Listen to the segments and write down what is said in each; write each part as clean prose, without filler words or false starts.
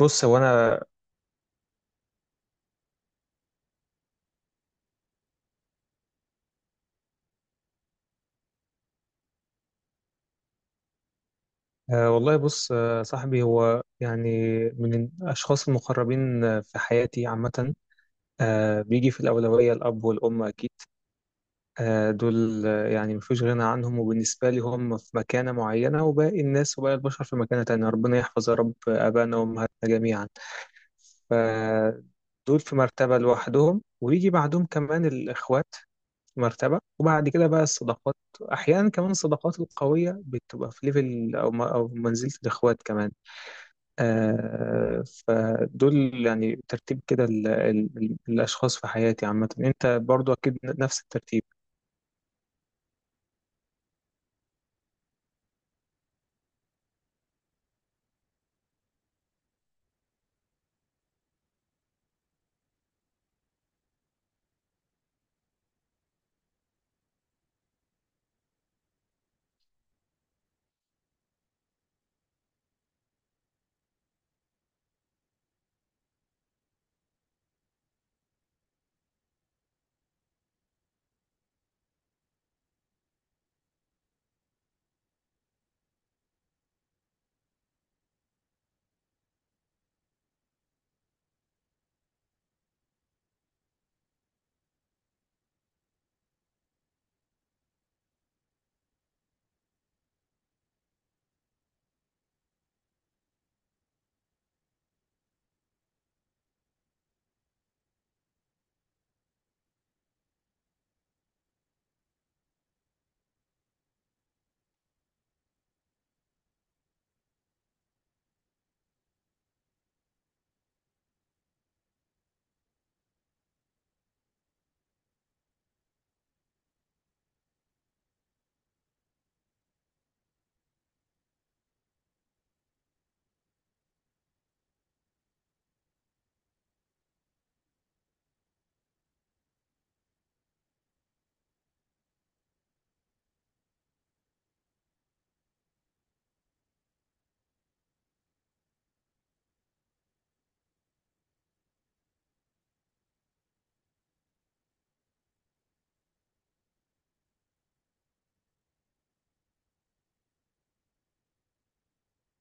بص هو انا. والله بص، صاحبي هو من الاشخاص المقربين في حياتي عامه. بيجي في الاولويه الاب والام اكيد. دول، مفيش غنى عنهم، وبالنسبه لي هم في مكانه معينه، وباقي الناس وباقي البشر في مكانه تانية. ربنا يحفظ يا رب ابائنا وامهاتنا جميعا. فدول في مرتبه لوحدهم، ويجي بعدهم كمان الاخوات مرتبة، وبعد كده بقى الصداقات. أحيانا كمان الصداقات القوية بتبقى في ليفل أو منزلة الإخوات كمان. فدول ترتيب كده الأشخاص في حياتي عامة. أنت برضو أكيد نفس الترتيب؟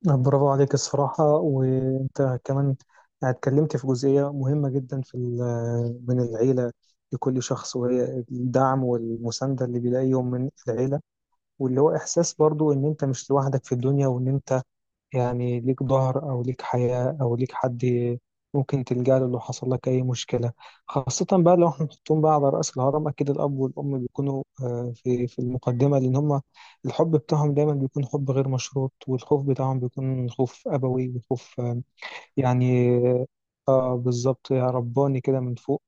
برافو عليك الصراحة. وأنت كمان اتكلمت في جزئية مهمة جدا في من العيلة لكل شخص، وهي الدعم والمساندة اللي بيلاقيهم من العيلة، واللي هو إحساس برضو إن أنت مش لوحدك في الدنيا، وإن أنت ليك ظهر أو ليك حياة أو ليك حد ممكن تلجأ له لو حصل لك أي مشكلة. خاصة بقى لو احنا نحطهم بقى على رأس الهرم، أكيد الأب والأم بيكونوا في المقدمة، لأن هما الحب بتاعهم دايما بيكون حب غير مشروط، والخوف بتاعهم بيكون خوف أبوي وخوف يعني اه بالظبط، يا رباني كده من فوق.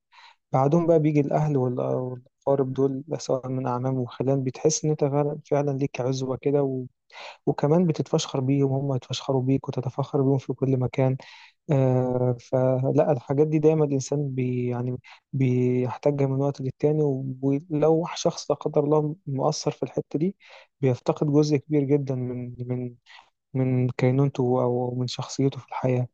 بعدهم بقى بيجي الأهل والأقارب دول، سواء من أعمام وخلان، بتحس إن أنت فعلاً ليك عزوة كده. وكمان بتتفشخر بيهم، هم يتفشخروا بيك، وتتفخر بيهم في كل مكان. فلا، الحاجات دي دايما الإنسان بي يعني بيحتاجها من وقت للتاني. ولو شخص لا قدر الله مؤثر في الحتة دي، بيفتقد جزء كبير جدا من كينونته أو من شخصيته في الحياة.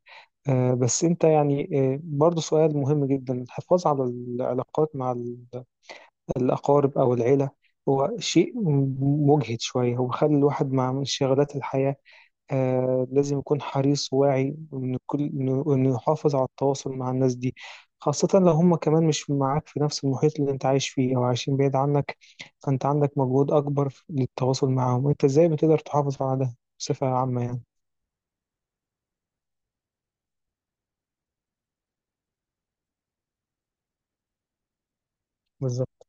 بس أنت برضو سؤال مهم جدا. الحفاظ على العلاقات مع الأقارب أو العيلة هو شيء مجهد شوية. هو خلى الواحد مع انشغالات الحياة لازم يكون حريص وواعي إن كل إنه إنه يحافظ على التواصل مع الناس دي، خاصة لو هم كمان مش معاك في نفس المحيط اللي أنت عايش فيه أو عايشين بعيد عنك، فأنت عندك مجهود أكبر للتواصل معاهم. أنت إزاي بتقدر تحافظ على ده بصفة عامة يعني؟ بالظبط.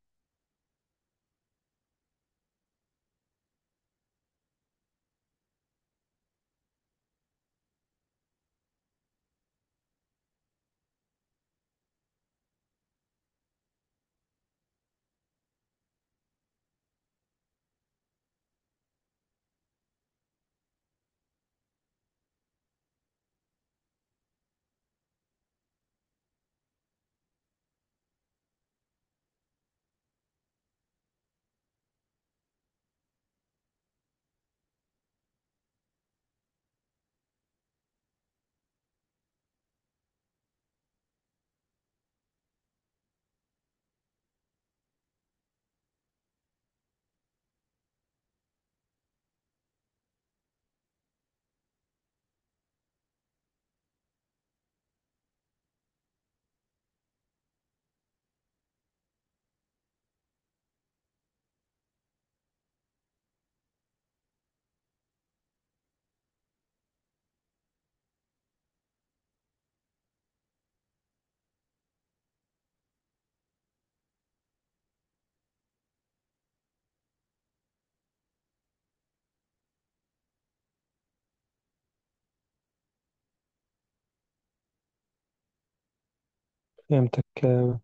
فهمتك.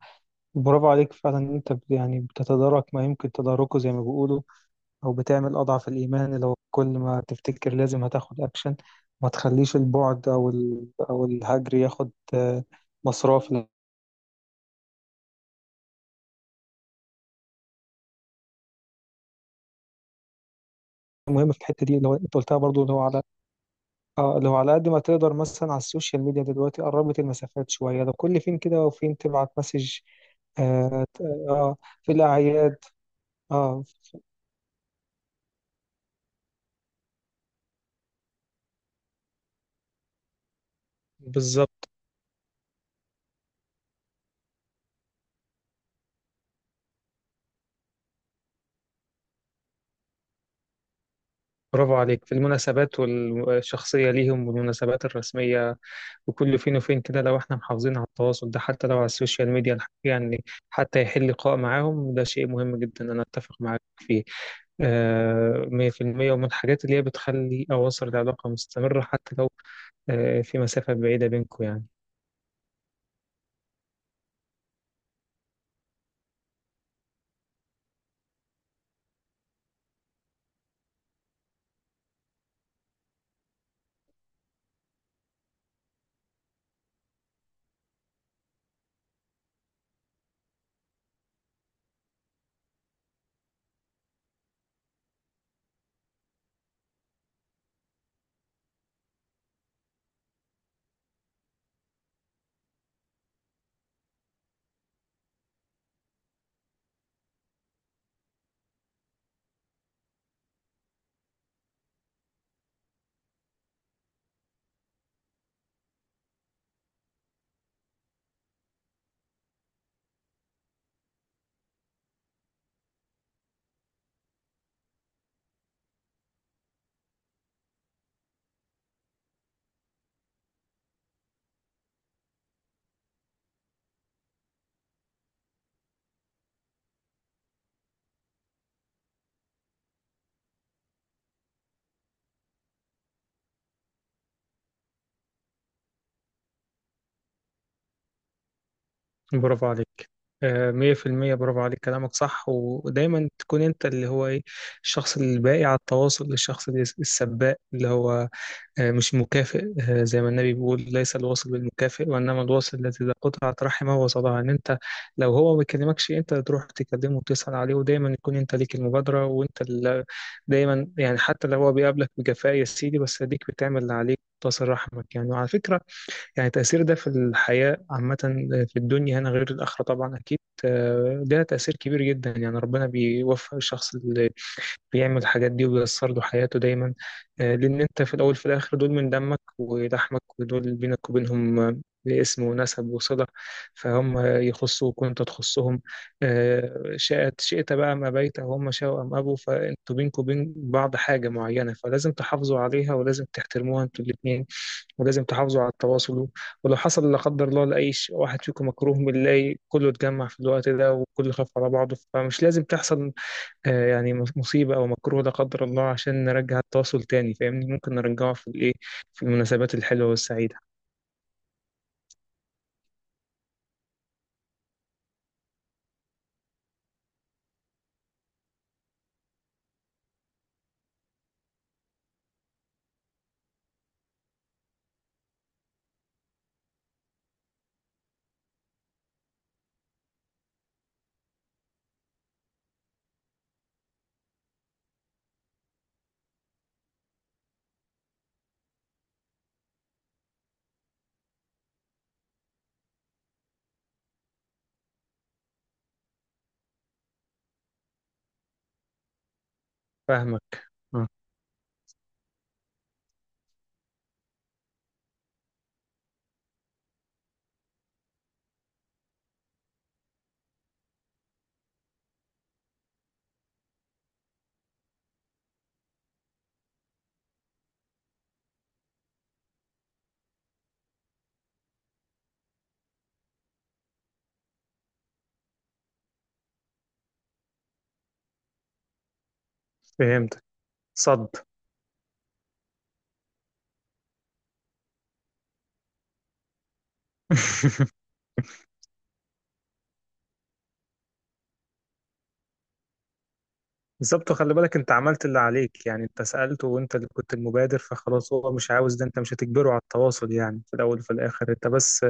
برافو عليك فعلا إن أنت بتتدارك ما يمكن تداركه زي ما بيقولوا، أو بتعمل أضعف الإيمان. لو كل ما تفتكر لازم هتاخد أكشن، ما تخليش البعد أو الهجر ياخد مصراف. مهمة في الحتة دي اللي هو انت قلتها برضو، اللي هو على اه، اللي هو على قد ما تقدر مثلا على السوشيال ميديا دلوقتي قربت المسافات شوية. لو كل فين كده وفين تبعت مسج، آه, ت- اه في الأعياد. اه بالظبط. برافو عليك في المناسبات الشخصية ليهم والمناسبات الرسمية، وكل فين وفين كده، لو احنا محافظين على التواصل ده حتى لو على السوشيال ميديا، يعني حتى يحل لقاء معاهم، ده شيء مهم جدا. أنا أتفق معاك فيه مية في المية، ومن الحاجات اللي هي بتخلي أواصر العلاقة مستمرة حتى لو في مسافة بعيدة بينكم يعني. برافو عليك، مية في المية. برافو عليك، كلامك صح. ودايما تكون أنت اللي هو إيه، الشخص الباقي على التواصل، الشخص السباق، اللي هو مش مكافئ. زي ما النبي بيقول: ليس الواصل بالمكافئ وإنما الواصل الذي إذا قطعت رحمه وصلها. إن أنت لو هو ما بيكلمكش، أنت تروح تكلمه وتسأل عليه، ودايما يكون أنت ليك المبادرة. وأنت دايما يعني حتى لو هو بيقابلك بجفاء يا سيدي، بس أديك بتعمل اللي عليك، تصل رحمك يعني. وعلى فكرة، يعني تأثير ده في الحياة عامة، في الدنيا هنا غير الآخرة طبعا أكيد. ده تأثير كبير جدا. يعني ربنا بيوفق الشخص بيعمل الحاجات دي، وبيأثر له حياته دايما. لأن أنت في الأول في الآخر دول من دمك ولحمك، ودول بينك وبينهم اسم ونسب وصلة. فهم يخصوك وأنت تخصهم، شاءت شئت بقى أم أبيت، أو هم شاءوا أم أبوا، فأنتوا بينكوا وبين بعض حاجة معينة، فلازم تحافظوا عليها ولازم تحترموها أنتوا الاتنين، ولازم تحافظوا على التواصل. ولو حصل لا قدر الله لأي واحد فيكم مكروه، بنلاقي كله اتجمع في الوقت ده، وكله خاف على بعضه. فمش لازم تحصل يعني مصيبة أو مكروه لا قدر الله عشان نرجع التواصل تاني، فاهمني؟ ممكن نرجعه في الإيه، في المناسبات الحلوة والسعيدة. فاهمك. آه، فهمتك. صد. بالظبط. خلي بالك أنت عملت اللي عليك، يعني أنت سألته وأنت اللي كنت المبادر، فخلاص هو مش عاوز ده. أنت مش هتجبره على التواصل، يعني في الأول وفي الآخر أنت بس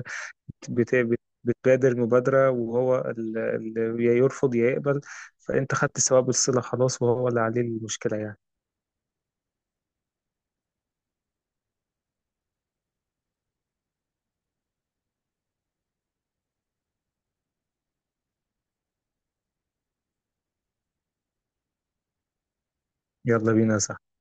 بتبادر مبادرة، وهو يا يرفض يا يقبل. فأنت خدت ثواب الصلة خلاص، وهو اللي عليه المشكلة يعني. يلا بينا يا صاحبي.